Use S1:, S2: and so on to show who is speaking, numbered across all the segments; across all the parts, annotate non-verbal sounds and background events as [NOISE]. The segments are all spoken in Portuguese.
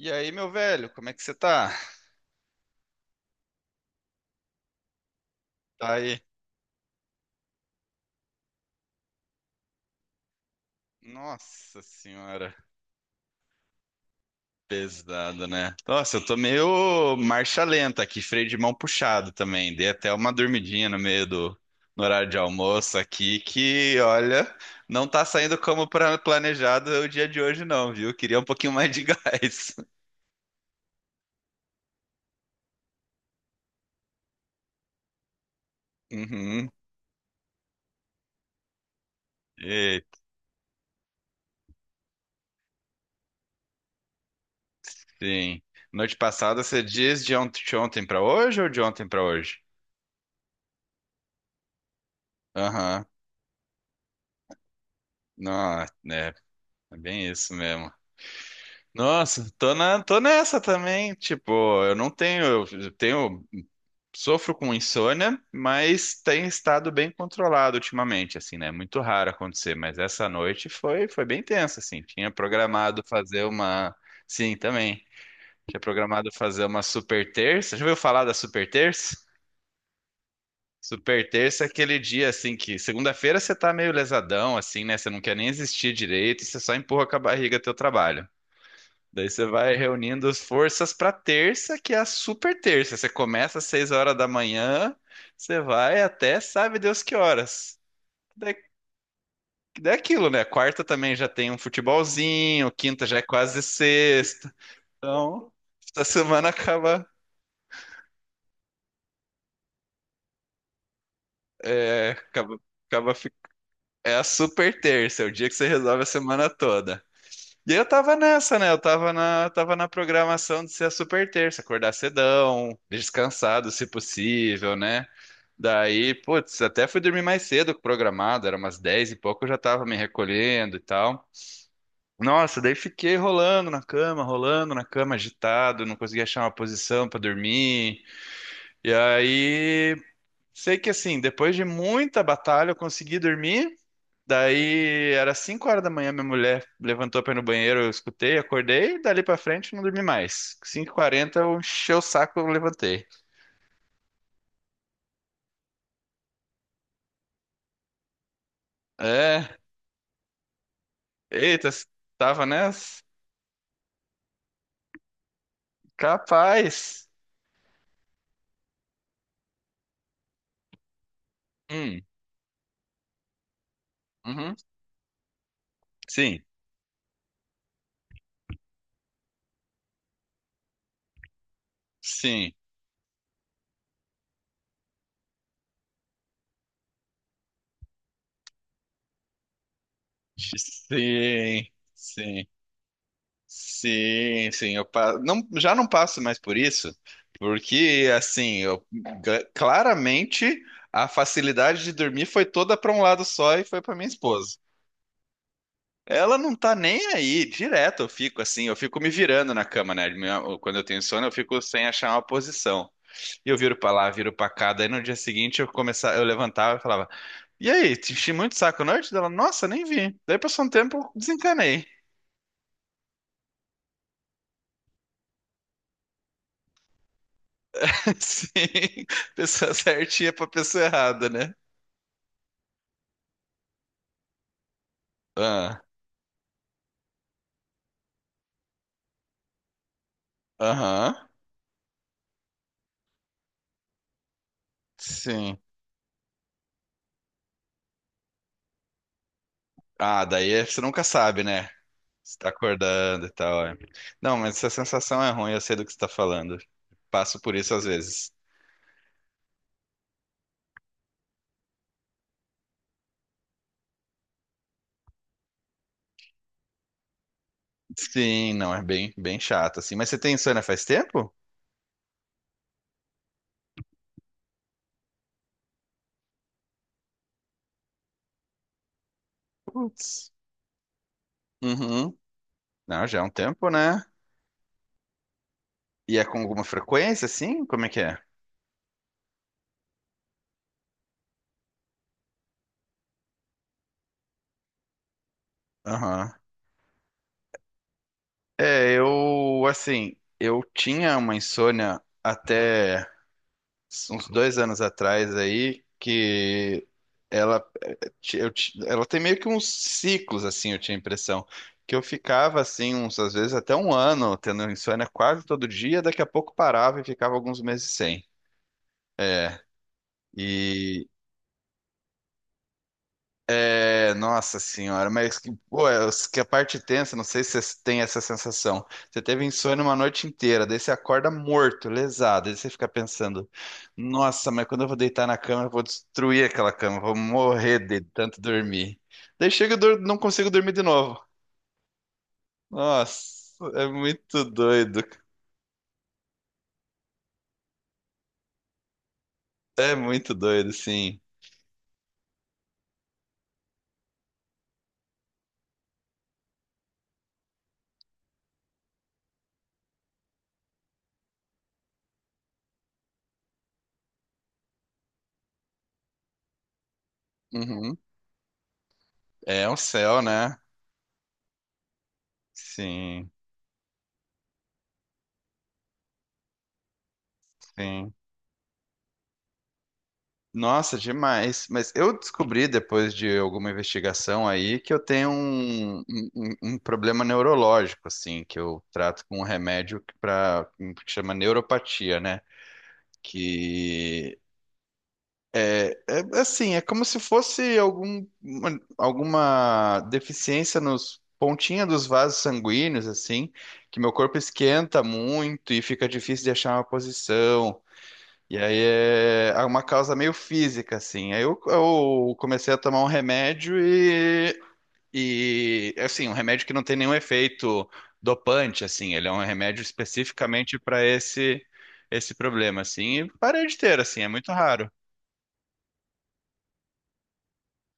S1: E aí, meu velho, como é que você tá? Tá aí. Nossa senhora, pesado, né? Nossa, eu tô meio marcha lenta aqui, freio de mão puxado também. Dei até uma dormidinha no meio do no horário de almoço aqui, que olha, não tá saindo como planejado o dia de hoje, não, viu? Queria um pouquinho mais de [LAUGHS] gás. Uhum. Eita, sim. Noite passada você diz de ontem pra hoje ou de ontem pra hoje? Aham. Não, é, é bem isso mesmo. Nossa, tô nessa também. Tipo, eu não tenho, eu tenho, sofro com insônia, mas tem estado bem controlado ultimamente, assim, né? É muito raro acontecer, mas essa noite foi bem tensa, assim. Tinha programado fazer uma, sim, também. Tinha programado fazer uma super terça. Já ouviu falar da super terça? Super terça é aquele dia assim que segunda-feira você tá meio lesadão, assim, né? Você não quer nem existir direito, você só empurra com a barriga teu trabalho. Daí você vai reunindo as forças para terça, que é a super terça. Você começa às 6 horas da manhã, você vai até sabe Deus que horas. Daí, daí é aquilo, né? Quarta também já tem um futebolzinho, quinta já é quase sexta. Então, essa semana acaba, é, acaba, acaba, fi- é a super terça, é o dia que você resolve a semana toda. E eu tava nessa, né? Eu tava na, programação de ser a super terça, acordar cedão, descansado se possível, né? Daí, putz, até fui dormir mais cedo que o programado, era umas 10 e pouco, eu já tava me recolhendo e tal. Nossa, daí fiquei rolando na cama, agitado, não conseguia achar uma posição pra dormir. E aí, sei que assim, depois de muita batalha, eu consegui dormir. Daí, era 5 horas da manhã, minha mulher levantou pra ir no banheiro, eu escutei, acordei, e dali pra frente eu não dormi mais. Cinco h 40 eu enchi o saco, eu levantei. É, eita, tava nessa? Capaz. Hum, uhum, sim, sim, sim, sim, sim, sim. Eu não, já não passo mais por isso, porque assim, eu claramente a facilidade de dormir foi toda para um lado só e foi para minha esposa. Ela não tá nem aí, direto eu fico me virando na cama, né? Quando eu tenho sono, eu fico sem achar uma posição. E eu viro para lá, viro para cá, daí no dia seguinte eu levantava e falava E aí, te enchi muito o saco norte dela? Nossa, nem vi. Daí passou um tempo, eu desencanei. [LAUGHS] Sim, pessoa certinha pra pessoa errada, né? Ah, aham, sim. Ah, você nunca sabe, né? Você tá acordando e tal. É. Não, mas essa sensação é ruim, eu sei do que você tá falando. Passo por isso às vezes. Sim, não, é bem, bem chato, assim. Mas você tem insônia faz tempo? Putz. Uhum. Não, já é um tempo, né? E é com alguma frequência, assim? Como é que é? Aham. É, eu, assim, eu tinha uma insônia até uns 2 anos atrás aí, que ela, ti- eu, ti- ela tem meio que uns ciclos, assim, eu tinha a impressão, que eu ficava, assim, uns, às vezes até um ano tendo insônia quase todo dia, daqui a pouco parava e ficava alguns meses sem. É, nossa senhora, mas que, pô, é, que a parte tensa, não sei se você tem essa sensação. Você teve insônia uma noite inteira, daí você acorda morto, lesado, daí você fica pensando, nossa, mas quando eu vou deitar na cama, eu vou destruir aquela cama, vou morrer de tanto dormir. Daí chega, e não consigo dormir de novo. Nossa, é muito doido. É muito doido, sim. Uhum. É o céu, né? Sim, sim. Nossa, demais. Mas eu descobri depois de alguma investigação aí que eu tenho um problema neurológico, assim, que eu trato com um remédio para um que chama neuropatia, né? Que é assim, é como se fosse alguma deficiência nos pontinha dos vasos sanguíneos, assim, que meu corpo esquenta muito e fica difícil de achar uma posição. E aí é uma causa meio física, assim. Aí eu comecei a tomar um remédio e assim, um remédio que não tem nenhum efeito dopante, assim. Ele é um remédio especificamente para esse problema, assim. E parei de ter, assim, é muito raro.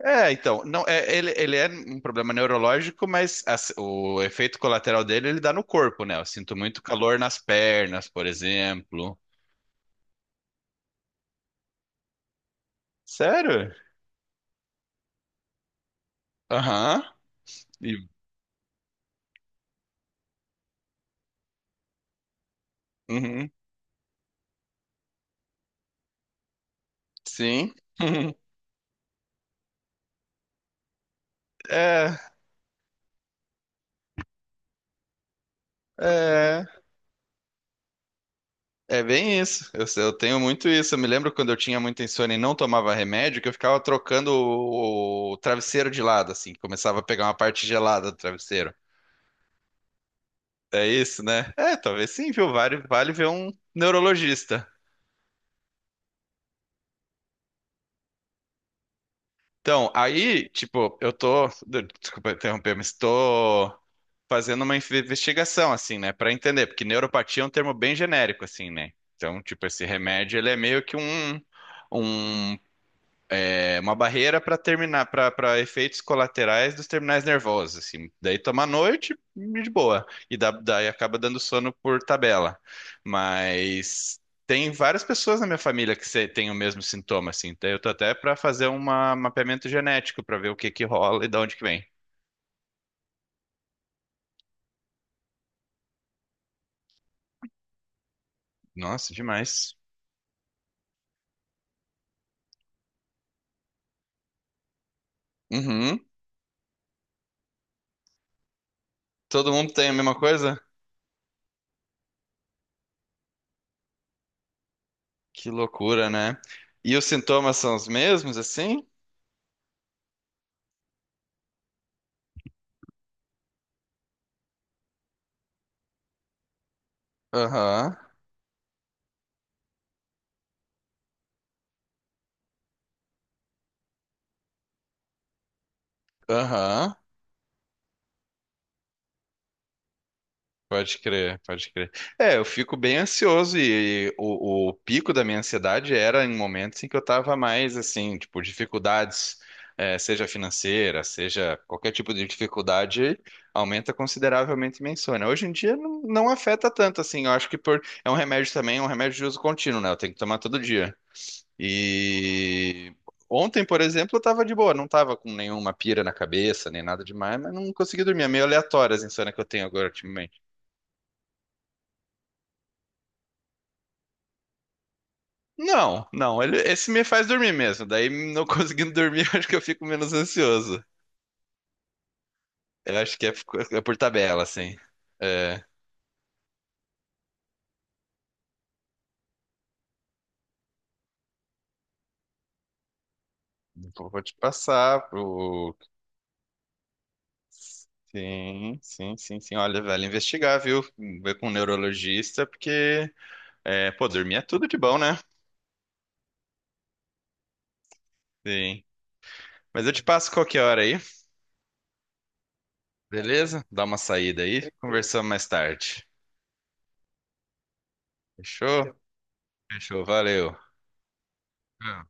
S1: É, então, não, é, ele é um problema neurológico, mas o efeito colateral dele ele dá no corpo, né? Eu sinto muito calor nas pernas, por exemplo. Sério? Aham. E- Uhum. Sim. [LAUGHS] É, é, é bem isso. Eu tenho muito isso. Eu me lembro quando eu tinha muita insônia e não tomava remédio, que eu ficava trocando o travesseiro de lado, assim, começava a pegar uma parte gelada do travesseiro. É isso, né? É, talvez sim, viu? Vale ver um neurologista. Então, aí, tipo, eu tô, desculpa interromper, mas tô fazendo uma investigação, assim, né, pra entender, porque neuropatia é um termo bem genérico, assim, né? Então, tipo, esse remédio, ele é meio que um é uma barreira para terminar, para efeitos colaterais dos terminais nervosos, assim. Daí toma à noite e de boa. Daí acaba dando sono por tabela. Mas tem várias pessoas na minha família que têm o mesmo sintoma, assim. Daí eu tô até para fazer um mapeamento genético para ver o que que rola e de onde que vem. Nossa, demais. Uhum. Todo mundo tem a mesma coisa? Que loucura, né? E os sintomas são os mesmos, assim? Aham, aham. Pode crer, pode crer. É, eu fico bem ansioso e, o pico da minha ansiedade era em momentos em que eu tava mais assim, tipo, dificuldades, seja financeira, seja qualquer tipo de dificuldade, aumenta consideravelmente minha insônia. Hoje em dia não afeta tanto assim, eu acho que por, é um remédio também, é um remédio de uso contínuo, né? Eu tenho que tomar todo dia. E ontem, por exemplo, eu tava de boa, não tava com nenhuma pira na cabeça, nem nada demais, mas não consegui dormir. É meio aleatório as insônia que eu tenho agora, Não, não, esse me faz dormir mesmo. Daí, não conseguindo dormir, [LAUGHS] eu acho que eu fico menos ansioso. Eu acho que é por tabela, assim. É, vou te passar pro. Sim, sim, sim, sim. Olha, vale investigar, viu? Ver com um neurologista, porque, é, pô, dormir é tudo de bom, né? Sim. Mas eu te passo qualquer hora aí, beleza? Dá uma saída aí, conversamos mais tarde. Fechou? Fechou, valeu. Ah.